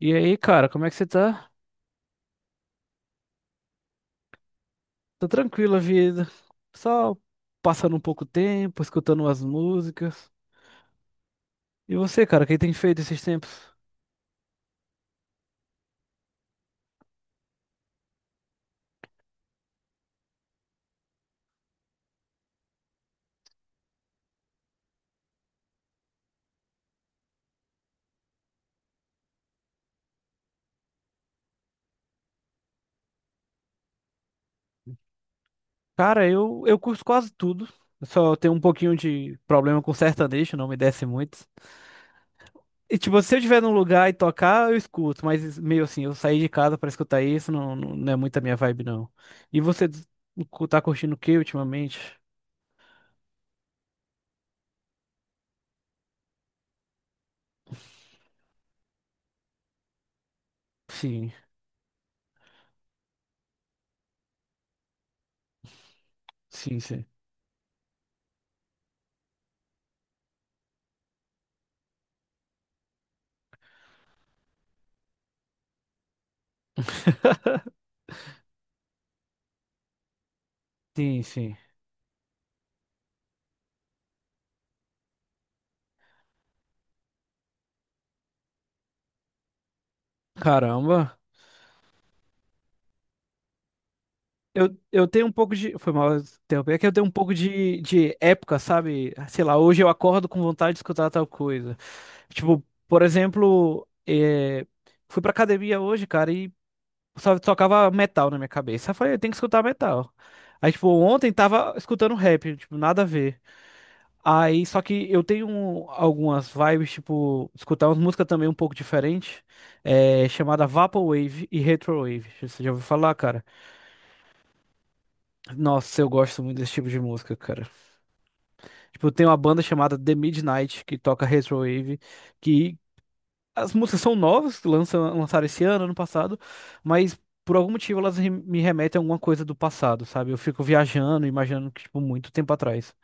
E aí, cara, como é que você tá? Tá tranquila a vida? Só passando um pouco tempo, escutando umas músicas. E você, cara, o que tem feito esses tempos? Cara, eu curto quase tudo. Eu só tenho um pouquinho de problema com sertanejo, não me desce muito. E tipo, se eu estiver num lugar e tocar, eu escuto, mas meio assim, eu sair de casa pra escutar isso não, não, não é muito a minha vibe, não. E você tá curtindo o que ultimamente? Sim, sim, sim. Sim, sim. Caramba. Eu tenho um pouco de. Foi mal interromper. É que eu tenho um pouco de época, sabe? Sei lá, hoje eu acordo com vontade de escutar tal coisa. Tipo, por exemplo, fui pra academia hoje, cara, e só tocava metal na minha cabeça. Eu falei, eu tenho que escutar metal. Aí, tipo, ontem tava escutando rap, tipo, nada a ver. Aí, só que eu tenho um, algumas vibes, tipo, escutar umas músicas também um pouco diferente, chamada Vaporwave e Retrowave. Você já ouviu falar, cara? Nossa, eu gosto muito desse tipo de música, cara. Tipo, tem uma banda chamada The Midnight que toca Retrowave, que as músicas são novas, que lançam, lançaram esse ano, ano passado, mas por algum motivo elas me remetem a alguma coisa do passado, sabe? Eu fico viajando, imaginando que, tipo, muito tempo atrás.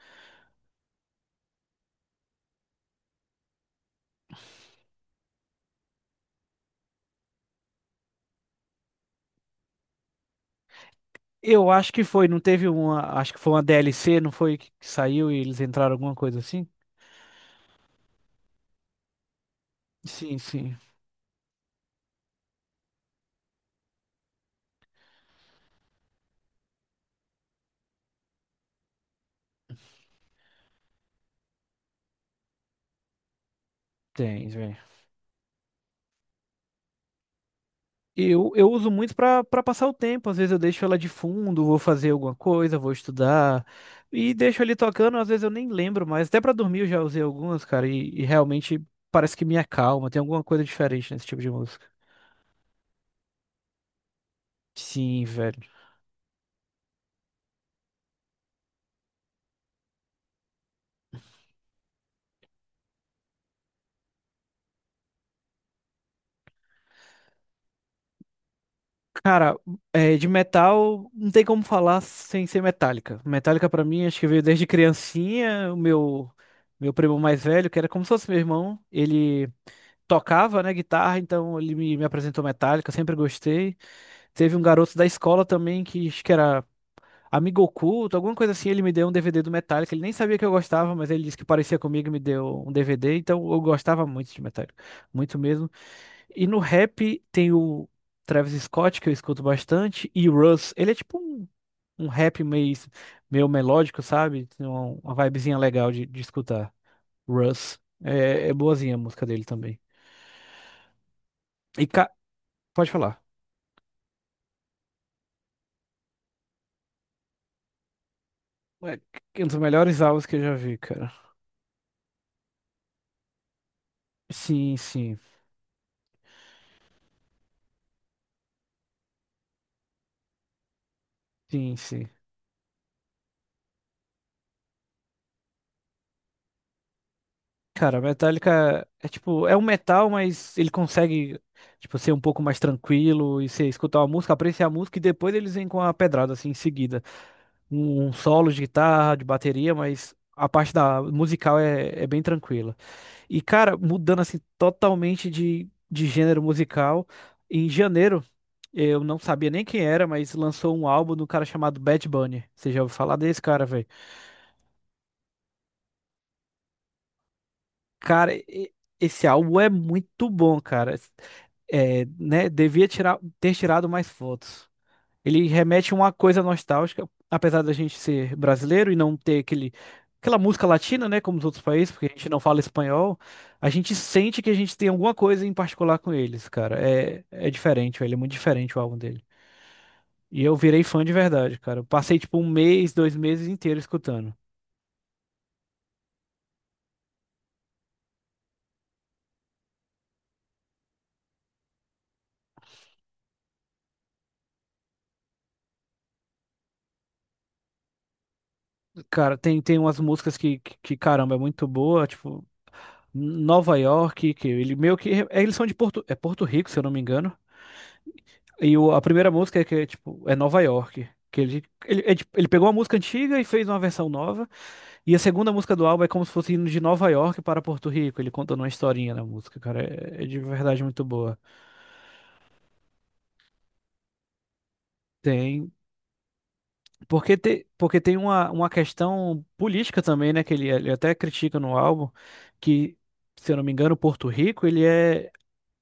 Eu acho que foi, não teve uma, acho que foi uma DLC, não foi que saiu e eles entraram alguma coisa assim? Sim, sim, tem, eu uso muito para passar o tempo. Às vezes eu deixo ela de fundo, vou fazer alguma coisa, vou estudar e deixo ali tocando. Às vezes eu nem lembro mais. Até para dormir eu já usei algumas, cara, e realmente parece que me acalma. Tem alguma coisa diferente nesse tipo de música. Sim, velho. Cara, é, de metal não tem como falar sem ser Metallica. Metallica pra mim acho que veio desde criancinha. O meu primo mais velho, que era como se fosse meu irmão, ele tocava, né, guitarra, então ele me apresentou Metallica, eu sempre gostei. Teve um garoto da escola também que acho que era amigo oculto, alguma coisa assim. Ele me deu um DVD do Metallica. Ele nem sabia que eu gostava, mas ele disse que parecia comigo e me deu um DVD. Então eu gostava muito de Metallica, muito mesmo. E no rap tem o Travis Scott, que eu escuto bastante, e o Russ. Ele é tipo um, um rap meio, meio melódico, sabe? Tem uma vibezinha legal de escutar. Russ. É, é boazinha a música dele também. E ca... pode falar. É um dos melhores álbuns que eu já vi, cara. Sim, sim. Sim, sim. Cara, Metallica é tipo, é um metal, mas ele consegue, tipo, ser um pouco mais tranquilo e você escutar uma música, apreciar a música e depois eles vêm com a pedrada, assim, em seguida. Um solo de guitarra, de bateria, mas a parte da musical é, é bem tranquila. E, cara, mudando, assim, totalmente de gênero musical, em janeiro, eu não sabia nem quem era, mas lançou um álbum do cara chamado Bad Bunny. Você já ouviu falar desse cara, velho? Cara, esse álbum é muito bom, cara. É, né, devia tirar, ter tirado mais fotos. Ele remete a uma coisa nostálgica, apesar da gente ser brasileiro e não ter aquele, aquela música latina, né, como os outros países, porque a gente não fala espanhol, a gente sente que a gente tem alguma coisa em particular com eles, cara. É, é diferente, velho, é muito diferente o álbum dele. E eu virei fã de verdade, cara. Eu passei tipo um mês, dois meses inteiro escutando. Cara, tem, tem umas músicas que, caramba, é muito boa, tipo Nova York, que ele meio que. É, eles são de Porto, é Porto Rico, se eu não me engano. E a primeira música é que é, tipo, é Nova York. Que ele, ele pegou uma música antiga e fez uma versão nova. E a segunda música do álbum é como se fosse indo de Nova York para Porto Rico. Ele contando uma historinha na música, cara. É, é de verdade muito boa. Tem. Porque, te, porque tem uma questão política também, né? Que ele até critica no álbum, que, se eu não me engano, Porto Rico, ele é.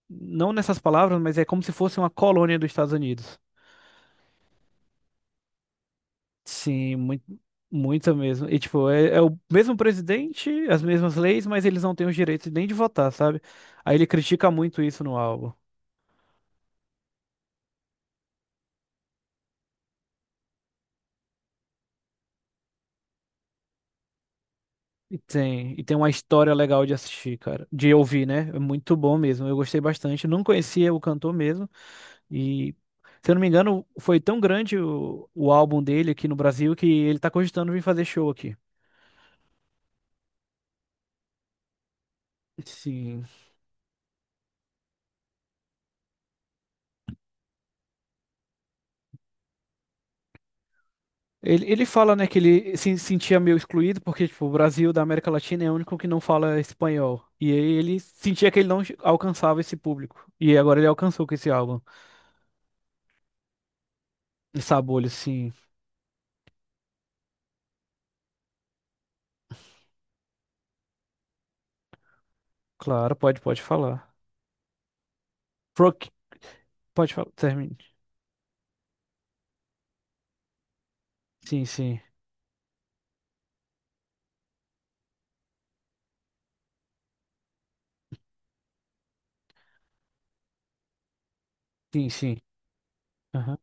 Não nessas palavras, mas é como se fosse uma colônia dos Estados Unidos. Sim, muito, muita mesmo. E tipo, é, é o mesmo presidente, as mesmas leis, mas eles não têm os direitos nem de votar, sabe? Aí ele critica muito isso no álbum. E tem uma história legal de assistir, cara. De ouvir, né? É muito bom mesmo. Eu gostei bastante. Não conhecia o cantor mesmo. E, se eu não me engano, foi tão grande o álbum dele aqui no Brasil que ele tá cogitando vir fazer show aqui. Sim. Ele fala, né, que ele se sentia meio excluído, porque, tipo, o Brasil da América Latina é o único que não fala espanhol. E aí ele sentia que ele não alcançava esse público. E agora ele alcançou com esse álbum. E Sabolio, sim. Claro, pode, pode falar. Proc, pode falar, termine. Sim, sim. Sim, sim. Aham.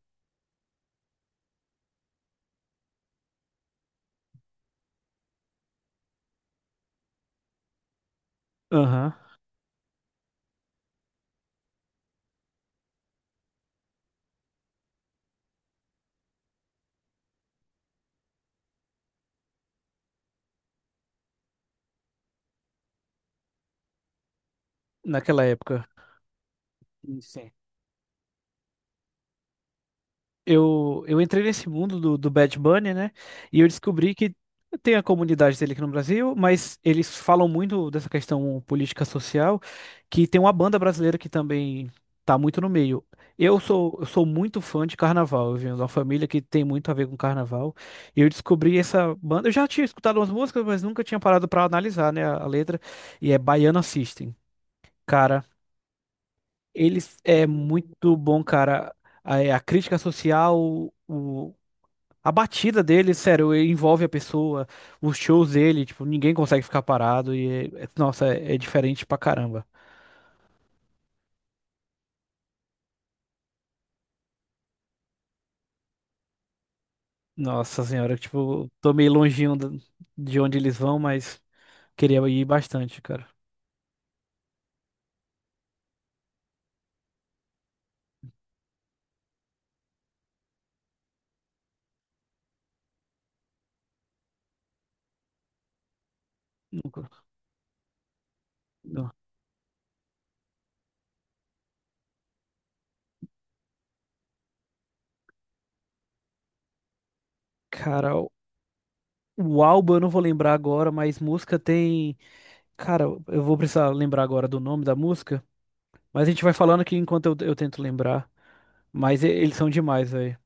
Aham. Naquela época. Sim, sim. Eu entrei nesse mundo do, do Bad Bunny, né? E eu descobri que tem a comunidade dele aqui no Brasil, mas eles falam muito dessa questão política social, que tem uma banda brasileira que também tá muito no meio. Eu sou muito fã de carnaval, eu venho de uma família que tem muito a ver com carnaval. E eu descobri essa banda. Eu já tinha escutado umas músicas, mas nunca tinha parado pra analisar, né, a letra. E é Baiana System. Cara, eles é muito bom, cara. A crítica social, o, a batida dele, sério, envolve a pessoa, os shows dele, tipo, ninguém consegue ficar parado e, nossa, é, é diferente pra caramba. Nossa senhora, tipo, tô meio longinho de onde eles vão, mas queria ir bastante, cara. Nunca- não. Cara, o álbum eu não vou lembrar agora, mas música tem. Cara, eu vou precisar lembrar agora do nome da música, mas a gente vai falando aqui enquanto eu tento lembrar. Mas eles são demais, velho.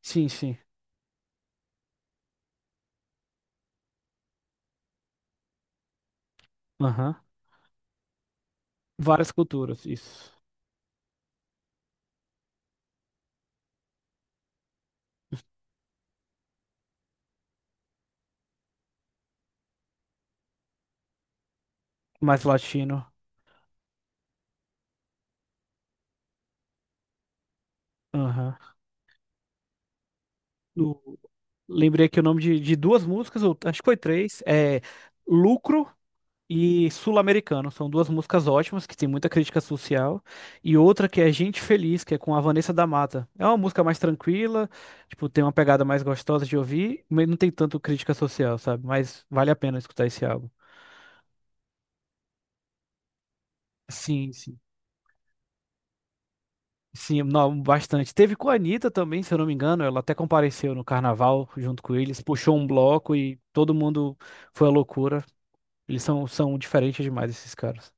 Sim, sim. Aham. Várias culturas, isso. Mais latino. Aham. No- Lembrei aqui o nome de duas músicas, ou acho que foi três. É Lucro e Sul-Americano. São duas músicas ótimas, que tem muita crítica social. E outra que é Gente Feliz, que é com a Vanessa da Mata. É uma música mais tranquila, tipo, tem uma pegada mais gostosa de ouvir, mas não tem tanto crítica social, sabe? Mas vale a pena escutar esse álbum. Sim, sim. Sim, não, bastante. Teve com a Anitta também, se eu não me engano, ela até compareceu no carnaval junto com eles, puxou um bloco e todo mundo foi à loucura. Eles são, são diferentes demais, esses caras.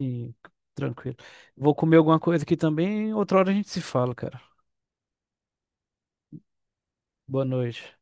Sim, tranquilo. Vou comer alguma coisa aqui também, outra hora a gente se fala, cara. Boa noite.